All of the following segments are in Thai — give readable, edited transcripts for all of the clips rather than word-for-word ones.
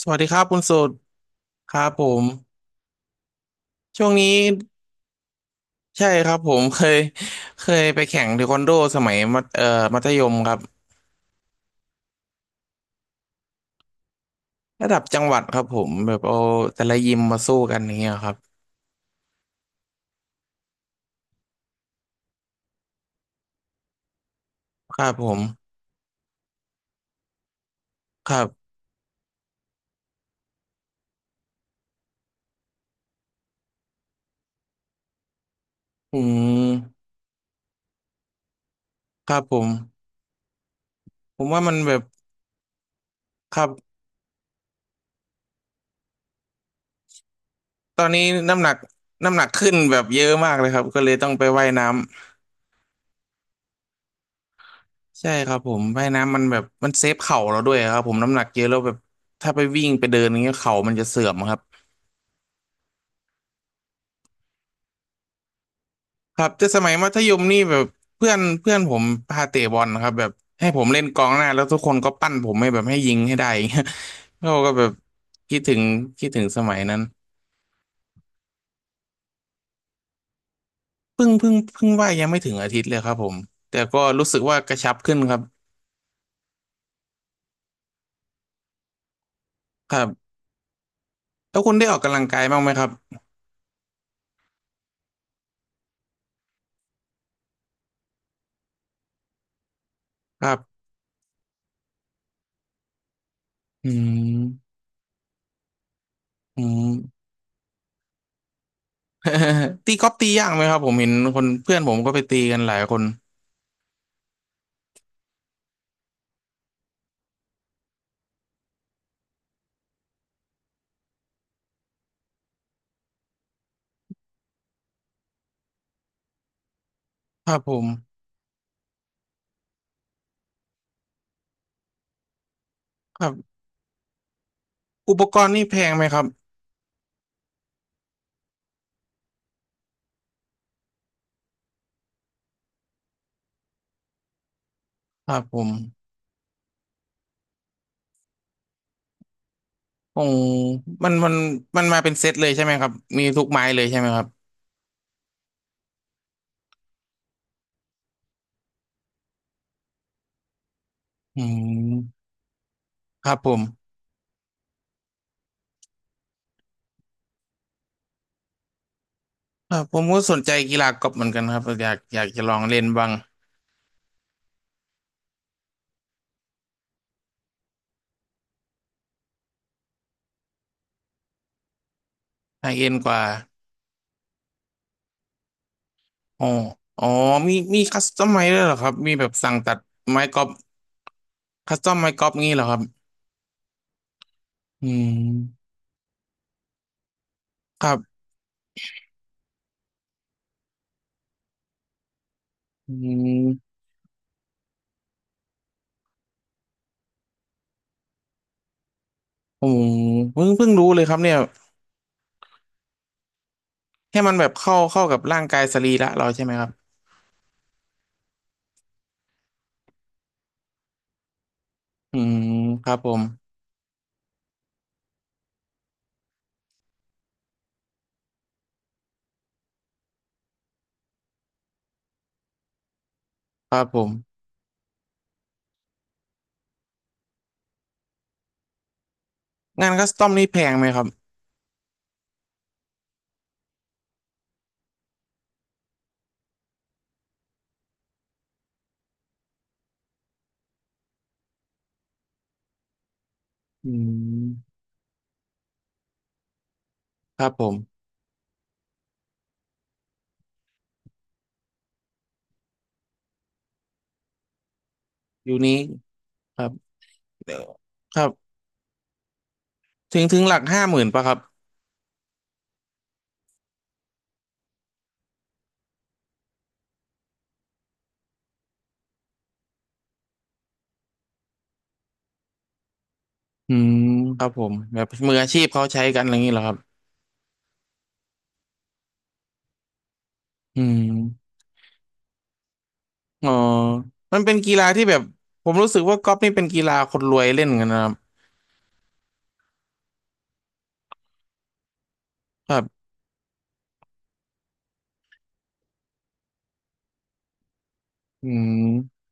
สวัสดีครับคุณสุดครับผมช่วงนี้ใช่ครับผม เคยเคยไปแข่งเทควันโดสมัยมัธมัธยมครับระดับจังหวัดครับผมแบบเอาแต่ละยิมมาสู้กันอย่างเงี้ยครับครับผมครับอืมครับผมผมว่ามันแบบครับตอนนี้น้ำหนักน้ำหนักขึ้นแบบเยอะมากเลยครับก็เลยต้องไปว่ายน้ำใช่ครับผมว่ายน้ำมันแบบมันเซฟเข่าเราด้วยครับผมน้ำหนักเยอะแล้วแบบถ้าไปวิ่งไปเดินอย่างเงี้ยเข่ามันจะเสื่อมครับ ครับแต่สมัยมัธยมนี่แบบเพื่อนเพื่อนผมพาเตะบอลนะครับแบบให้ผมเล่นกองหน้าแล้วทุกคนก็ปั้นผมให้แบบให้ยิงให้ได้อย่างเงี้ย เราก็แบบคิดถึงคิดถึงสมัยนั้นเพิ่งว่ายยังไม่ถึงอาทิตย์เลยครับผมแต่ก็รู้สึกว่ากระชับขึ้นครับครับแล้วคุณได้ออกกำลังกายบ้างไหมครับครับอืมอืม ตีกอล์ฟตียากไหมครับผมเห็นคนเพื่อนผมก็ไปตีกันหลายคนครับผมครับอุปกรณ์นี่แพงไหมครับครับผม โอ้มันมันมันมาเป็นเซตเลยใช่ไหมครับมีทุกไม้เลยใช่ไหมครับอืมครับผมครับผมก็สนใจกีฬากอล์ฟเหมือนกันครับอยากอยากจะลองเล่นบ้างไฮเอ็นกว่าอ๋ออ๋อมีมีคัสตอมไม้ด้วยเหรอครับมีแบบสั่งตัดไม้กอล์ฟคัสตอมไม้กอล์ฟงี้เหรอครับอืมครับอืมโอ้เพิ่งรู้เลยครับเนี่ยแค่มันแบบเข้ากับร่างกายสรีระเราใช่ไหมครับอืมครับผมครับผมงานคัสตอมนี่แพงไหมครับอืม ครับผมยูนิคครับเดี๋ยวครับถึงหลัก50,000ป่ะครับอืมครับผมแบบมืออาชีพเขาใช้กันอะไรอย่างนี้เหรอครับอืมอ๋อมันเป็นกีฬาที่แบบผมรู้สึกว่ากอล์ฟนี่เป็นกีฬาคนรวยเล่นกันนะครับครับอืม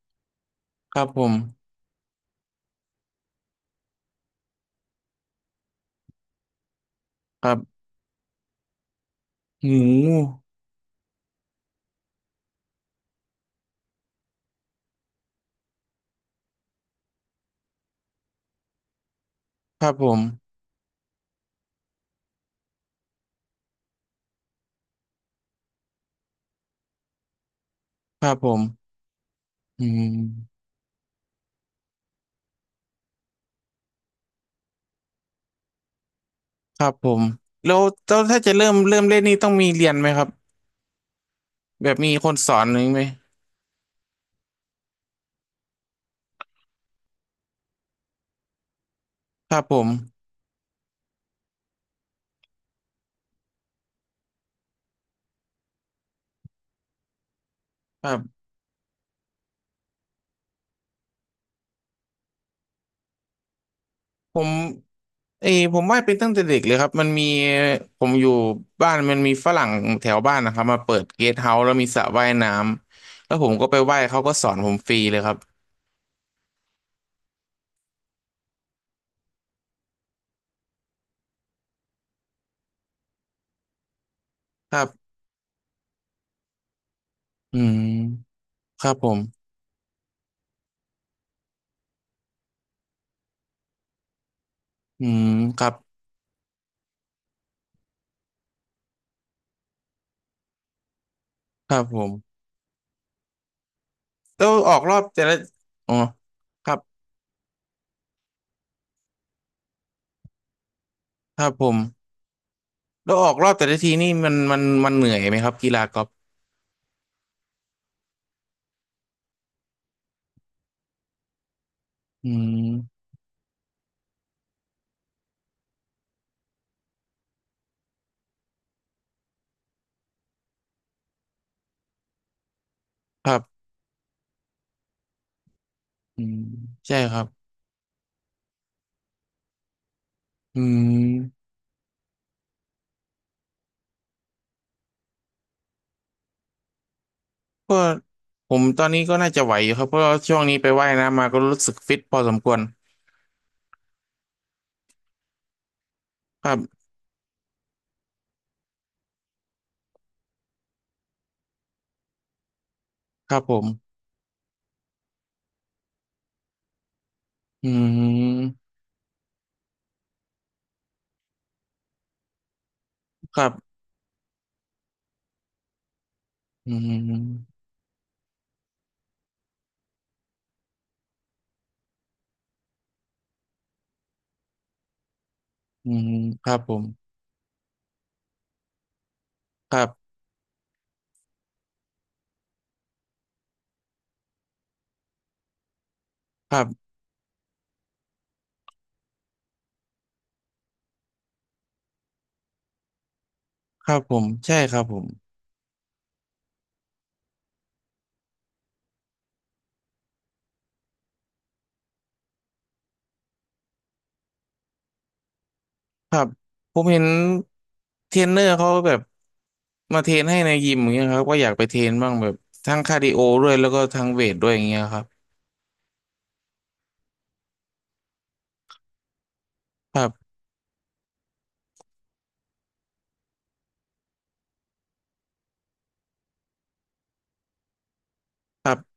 ครับผมครับหูครับผมครับผมอืมครับผมแล้วแล้วถ้าจะเริ่มเล่นนี่ต้องมีเรียนไหมครับแบบมีคนสอนหรือไหมครับผมครับผม เอยผมว่าดเป็นตั้งแต่เด็กเลยครับมันมีผมอยู่บ้านมันมีฝรั่งแถวบ้านนะครับมาเปิดเกสต์เฮาส์แล้วมีสระว่ายน้ำแล้วผมก็ไปว่ายเขาก็สอนผมฟรีเลยครับครับอืมครับผมอืมครับครับผมแล้วออกรอบแต่ละอ๋อครับครับผมแล้วออกรอบแต่ละทีนี่มันเหนื่อยไหมครับกีฬากอล์ฟอืมครับอืมใช่ครับอืม ก็ผมตอนนี้ก็น่าจะไหวอยู่ครับเพราะว่าช่วงนี้ไปว่ายน้ำมาก็รู้สึกฟิตพอสมควรครับครับผมอืมครับอืมอืมครับผมครับครับครับผมใช่ครับผมครับผมเห็นเทรนเนอร์เขาแบบมาเทรนให้ในยิมอย่างเงี้ยครับก็อยากไปเทรนบ้างแบบทั้งคาร์ดิโอด้วยแล้วก็ทั้งเวทด้วยอย่างเงี้ยครับครับครับ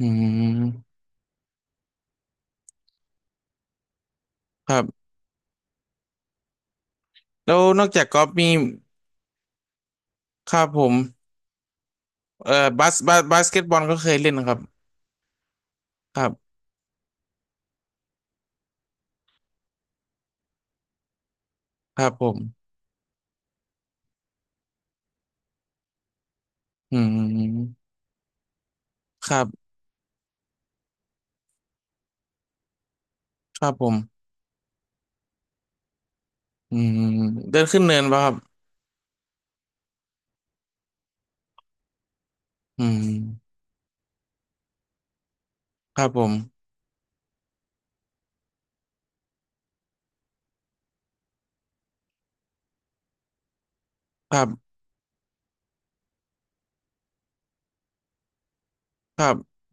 อืมครับแล้วนอกจากกอล์ฟมีครับผมบาสเกตบอลก็เคยเล่นนะครับ ครับ ครับผมอืมครับครับผม อืมเดินขึ้นเนินป่ะครับอืมครับผม ครับ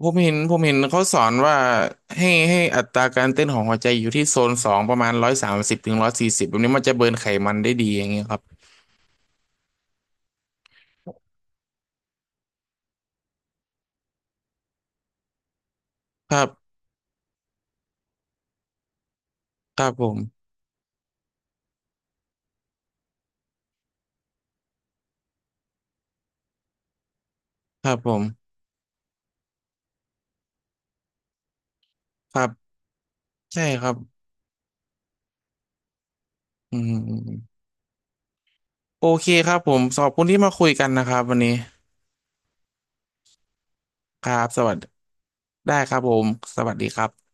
ผมเห็นเขาสอนว่าให้อัตราการเต้นของหัวใจอยู่ที่โซน 2ประมาณ130-140แบบนี้มันจะเบิร์นไขมันได้ดีอย่างเงี้ยครับครับ ครับผม ครับผมครับใช่ครับอืมโอเคครับผมขอบคุณที่มาคุยกันนะครับวันนี้ครับสวัสดีได้ครับผม สวัสดีครับ